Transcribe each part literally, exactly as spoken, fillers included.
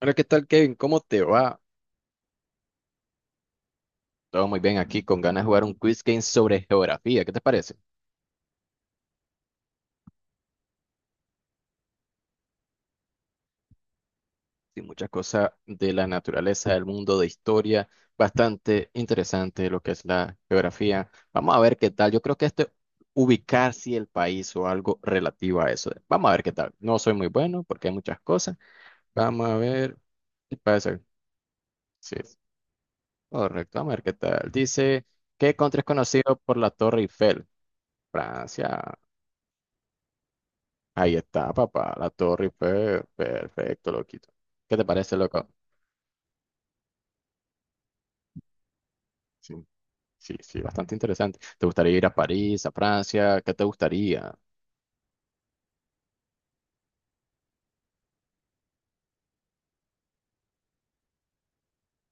Hola, ¿qué tal, Kevin? ¿Cómo te va? Todo muy bien aquí, con ganas de jugar un quiz game sobre geografía. ¿Qué te parece? Sí, muchas cosas de la naturaleza, del mundo, de historia. Bastante interesante lo que es la geografía. Vamos a ver qué tal. Yo creo que esto, ubicar si el país o algo relativo a eso. Vamos a ver qué tal. No soy muy bueno porque hay muchas cosas. Vamos a ver. ¿Qué pasa? Sí, correcto. Vamos a ver qué tal. Dice, ¿qué country es conocido por la Torre Eiffel? Francia. Ahí está, papá, la Torre Eiffel. Perfecto, loquito. ¿Qué te parece, loco? Sí, sí, sí, bastante interesante. ¿Te gustaría ir a París, a Francia? ¿Qué te gustaría?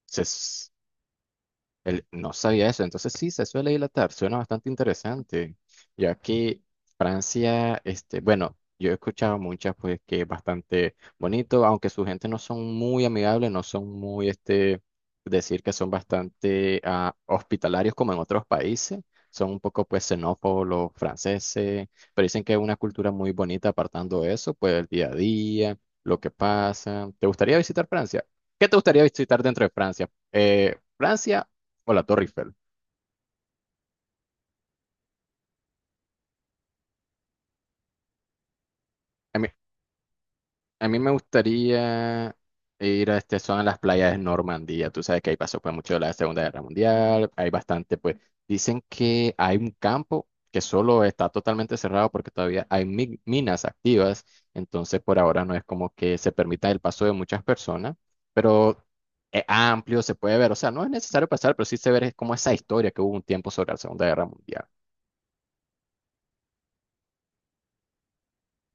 Se- Él no sabía eso, entonces sí, se suele dilatar, suena bastante interesante, ya que Francia, este, bueno, yo he escuchado muchas, pues que es bastante bonito, aunque su gente no son muy amigables, no son muy, este, decir que son bastante ah, hospitalarios como en otros países, son un poco, pues, xenófobos los franceses, pero dicen que es una cultura muy bonita, apartando eso, pues, el día a día, lo que pasa. ¿Te gustaría visitar Francia? ¿Qué te gustaría visitar dentro de Francia? Eh, Francia o la Torre Eiffel. A mí, a mí me gustaría ir a este zona de las playas de Normandía. Tú sabes que ahí pasó pues mucho de la Segunda Guerra Mundial. Hay bastante, pues. Dicen que hay un campo que solo está totalmente cerrado porque todavía hay mi- minas activas. Entonces, por ahora no es como que se permita el paso de muchas personas, pero es amplio, se puede ver. O sea, no es necesario pasar, pero sí se ve como esa historia que hubo un tiempo sobre la Segunda Guerra Mundial.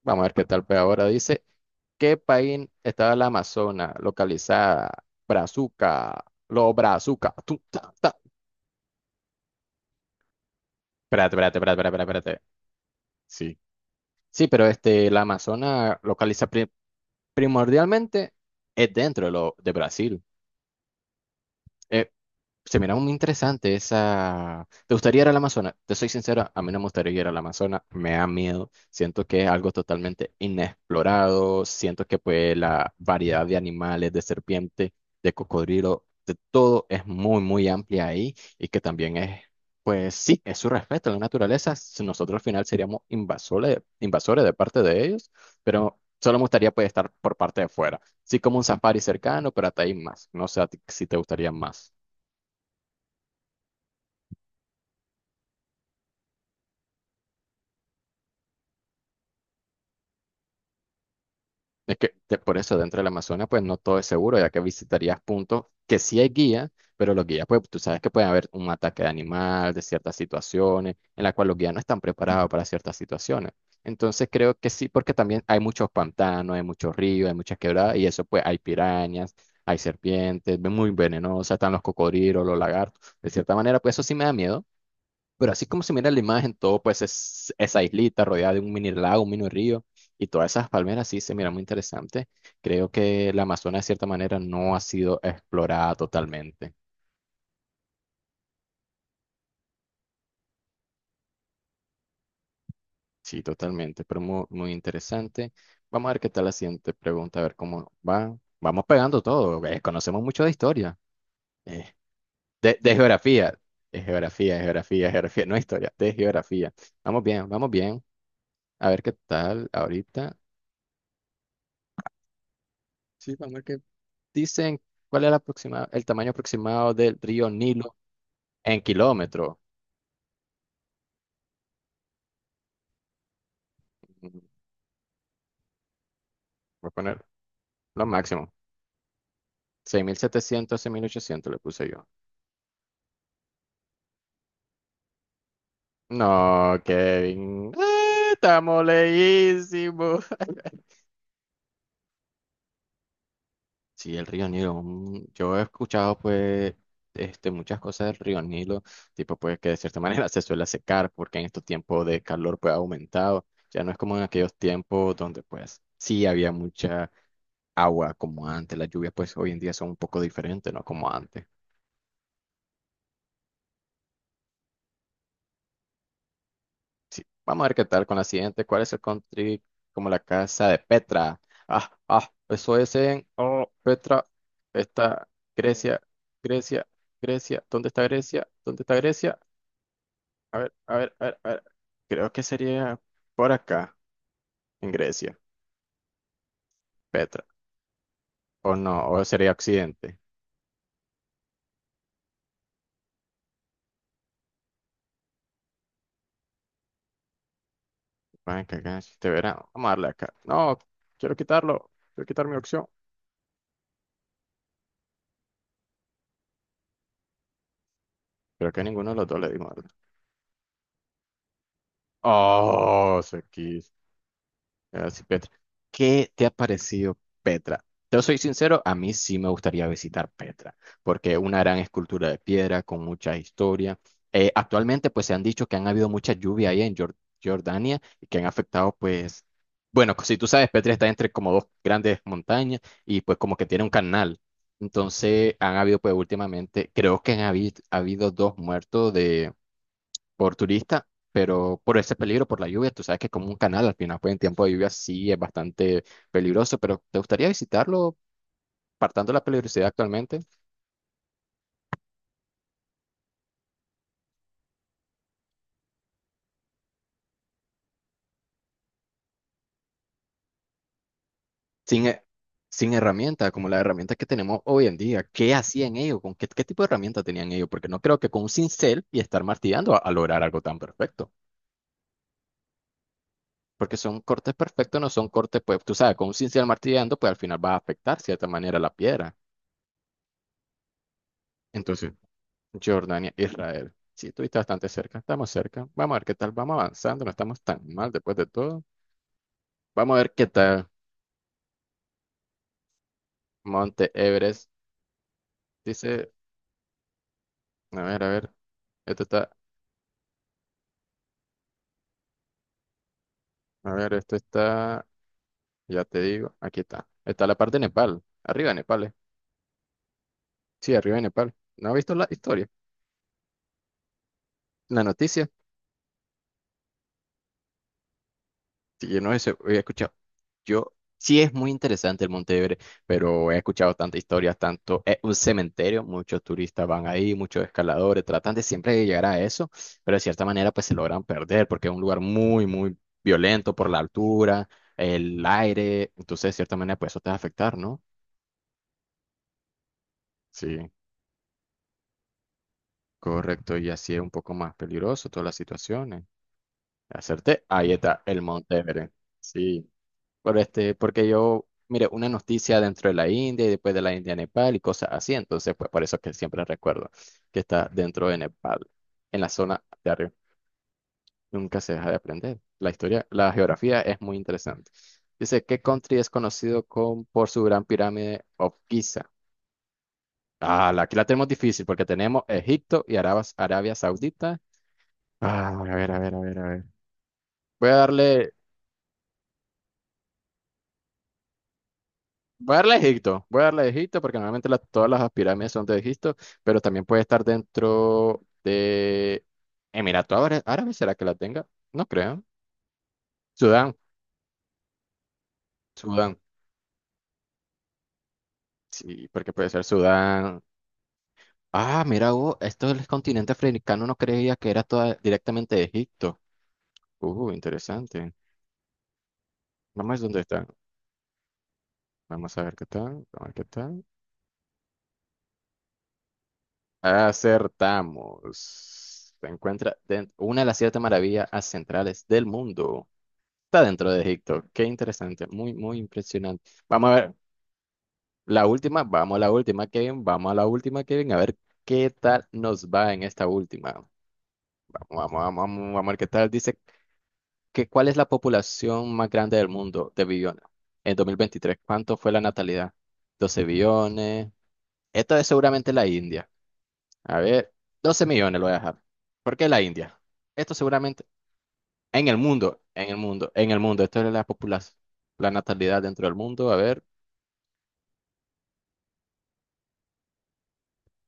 Vamos a ver qué tal, pues ahora dice. ¿Qué país estaba la Amazona localizada? Brazuca, lo Brazuca. Tu, ta, ta. Espérate, espérate, espérate, espérate, espérate. Espérate. Sí. Sí, pero este, la Amazona localiza pri- primordialmente es dentro de, lo, de Brasil. Eh, Se mira muy interesante esa. ¿Te gustaría ir al Amazonas? Te soy sincero, a mí no me gustaría ir al Amazonas, me da miedo, siento que es algo totalmente inexplorado, siento que pues la variedad de animales, de serpiente, de cocodrilo, de todo es muy, muy amplia ahí y que también es, pues sí, es su respeto a la naturaleza, si nosotros al final seríamos invasores, invasores de parte de ellos, pero solo me gustaría pues estar por parte de fuera, sí como un safari cercano, pero hasta ahí más, no sé a ti si te gustaría más. Es que de- por eso dentro del Amazonas pues no todo es seguro, ya que visitarías puntos que sí hay guía, pero los guías pues tú sabes que puede haber un ataque de animal, de ciertas situaciones, en la cual los guías no están preparados para ciertas situaciones. Entonces creo que sí, porque también hay muchos pantanos, hay muchos ríos, hay muchas quebradas y eso pues hay pirañas, hay serpientes, muy venenosas, están los cocodrilos, los lagartos. De cierta manera pues eso sí me da miedo. Pero así como se mira la imagen, todo pues es esa islita rodeada de un mini lago, un mini río y todas esas palmeras sí se mira muy interesante. Creo que la Amazonas de cierta manera no ha sido explorada totalmente. Sí, totalmente, pero muy, muy interesante. Vamos a ver qué tal la siguiente pregunta, a ver cómo va. Vamos pegando todo, eh, conocemos mucho de historia, eh, de, de geografía, de geografía, de geografía, de geografía, no historia, de geografía. Vamos bien, vamos bien. A ver qué tal ahorita. Sí, vamos a ver qué. Dicen cuál es la aproxima- el tamaño aproximado del río Nilo en kilómetros. Mm, Voy a poner lo máximo. seis mil setecientos, seis mil ochocientos le puse yo. No, Kevin. Eh, estamos leísimos. Sí, el río Nilo. un- Yo he escuchado pues este, muchas cosas del río Nilo, tipo pues que de cierta manera se suele secar porque en estos tiempos de calor pues ha aumentado. Ya no es como en aquellos tiempos donde pues sí había mucha agua como antes. Las lluvias pues hoy en día son un poco diferentes, ¿no? Como antes. Sí, vamos a ver qué tal con la siguiente. ¿Cuál es el country como la casa de Petra? Ah, ah, eso es en oh, Petra. Está Grecia, Grecia, Grecia. ¿Dónde está Grecia? ¿Dónde está Grecia? A ver, a ver, a ver, a ver. Creo que sería por acá, en Grecia, Petra. O no, o sería Occidente. Van que acá este verano. Vamos a darle acá. No, quiero quitarlo. Quiero quitar mi opción. Creo que a ninguno de los dos le dimos, ¿verdad? Oh, se quiso. Ah, sí, Petra. ¿Qué te ha parecido Petra? Yo soy sincero, a mí sí me gustaría visitar Petra, porque una gran escultura de piedra con mucha historia. Eh, actualmente, pues se han dicho que han habido mucha lluvia ahí en Jor- Jordania y que han afectado, pues, bueno, si tú sabes, Petra está entre como dos grandes montañas y pues como que tiene un canal. Entonces, han habido, pues últimamente, creo que han habido, habido dos muertos por turista, pero por ese peligro, por la lluvia, tú sabes que como un canal al final, pues en tiempo de lluvia sí es bastante peligroso, pero ¿te gustaría visitarlo partando de la peligrosidad actualmente? Sin, he- sin herramientas, como las herramientas que tenemos hoy en día. ¿Qué hacían ellos? ¿Con qué, qué tipo de herramientas tenían ellos? Porque no creo que con un cincel y estar martillando a, a lograr algo tan perfecto. Porque son cortes perfectos, no son cortes, pues tú sabes, con un cincel martillando, pues al final va a afectar de cierta manera la piedra. Entonces, Jordania, Israel. Sí, estuviste bastante cerca, estamos cerca. Vamos a ver qué tal, vamos avanzando, no estamos tan mal después de todo. Vamos a ver qué tal. Monte Everest dice, a ver, a ver, esto está, a ver, esto está, ya te digo, aquí está. Está la parte de Nepal, arriba de Nepal, eh. Sí, arriba de Nepal. ¿No has visto la historia? La noticia. Sí, yo no eso, he escuchado. Yo sí es muy interesante el Montevideo, pero he escuchado tantas historias, tanto es un cementerio, muchos turistas van ahí, muchos escaladores, tratan de siempre de llegar a eso, pero de cierta manera pues se logran perder porque es un lugar muy, muy violento por la altura, el aire, entonces de cierta manera pues eso te va a afectar, ¿no? Sí, correcto, y así es un poco más peligroso todas las situaciones. Acerté, ahí está el Montevideo. Sí. Por este, porque yo mire una noticia dentro de la India y después de la India Nepal y cosas así, entonces pues por eso es que siempre recuerdo que está dentro de Nepal, en la zona de arriba. Nunca se deja de aprender. La historia, la geografía es muy interesante. Dice, ¿qué country es conocido con- por su gran pirámide of Giza? Ah, la- aquí la tenemos difícil porque tenemos Egipto y Arabas- Arabia Saudita. Ah, a ver, a ver, a ver, a ver. Voy a darle Voy a darle a Egipto, voy a darle a Egipto porque normalmente las- todas las pirámides son de Egipto, pero también puede estar dentro de Emiratos Ára- Árabes, ¿será que la tenga? No creo. Sudán, Sudán, sí, porque puede ser Sudán. Ah, mira, vos, esto del continente africano no creía que era toda directamente de Egipto. Uh, interesante. Vamos a ver dónde están. Vamos a ver qué tal, vamos a ver qué tal. Acertamos. Se encuentra dentro, una de las siete maravillas centrales del mundo. Está dentro de Egipto. Qué interesante. Muy, muy impresionante. Vamos a ver. La última, vamos a la última, Kevin. Vamos a la última, Kevin. A ver qué tal nos va en esta última. Vamos, vamos, vamos, vamos, vamos a ver qué tal. Dice que cuál es la población más grande del mundo de billones en dos mil veintitrés. ¿Cuánto fue la natalidad? Doce billones. Esto es seguramente la India. A ver, doce millones lo voy a dejar. ¿Por qué la India? Esto seguramente en el mundo, en el mundo, en el mundo. Esto es la población, la natalidad dentro del mundo. A ver.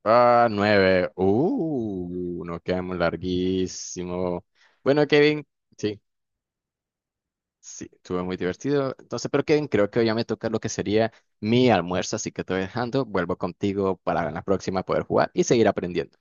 Ah, nueve. Uh, nos quedamos larguísimo. Bueno, Kevin, sí, sí, estuvo muy divertido. Entonces, pero Kevin, creo que hoy ya me toca lo que sería mi almuerzo, así que te voy dejando. Vuelvo contigo para la próxima poder jugar y seguir aprendiendo.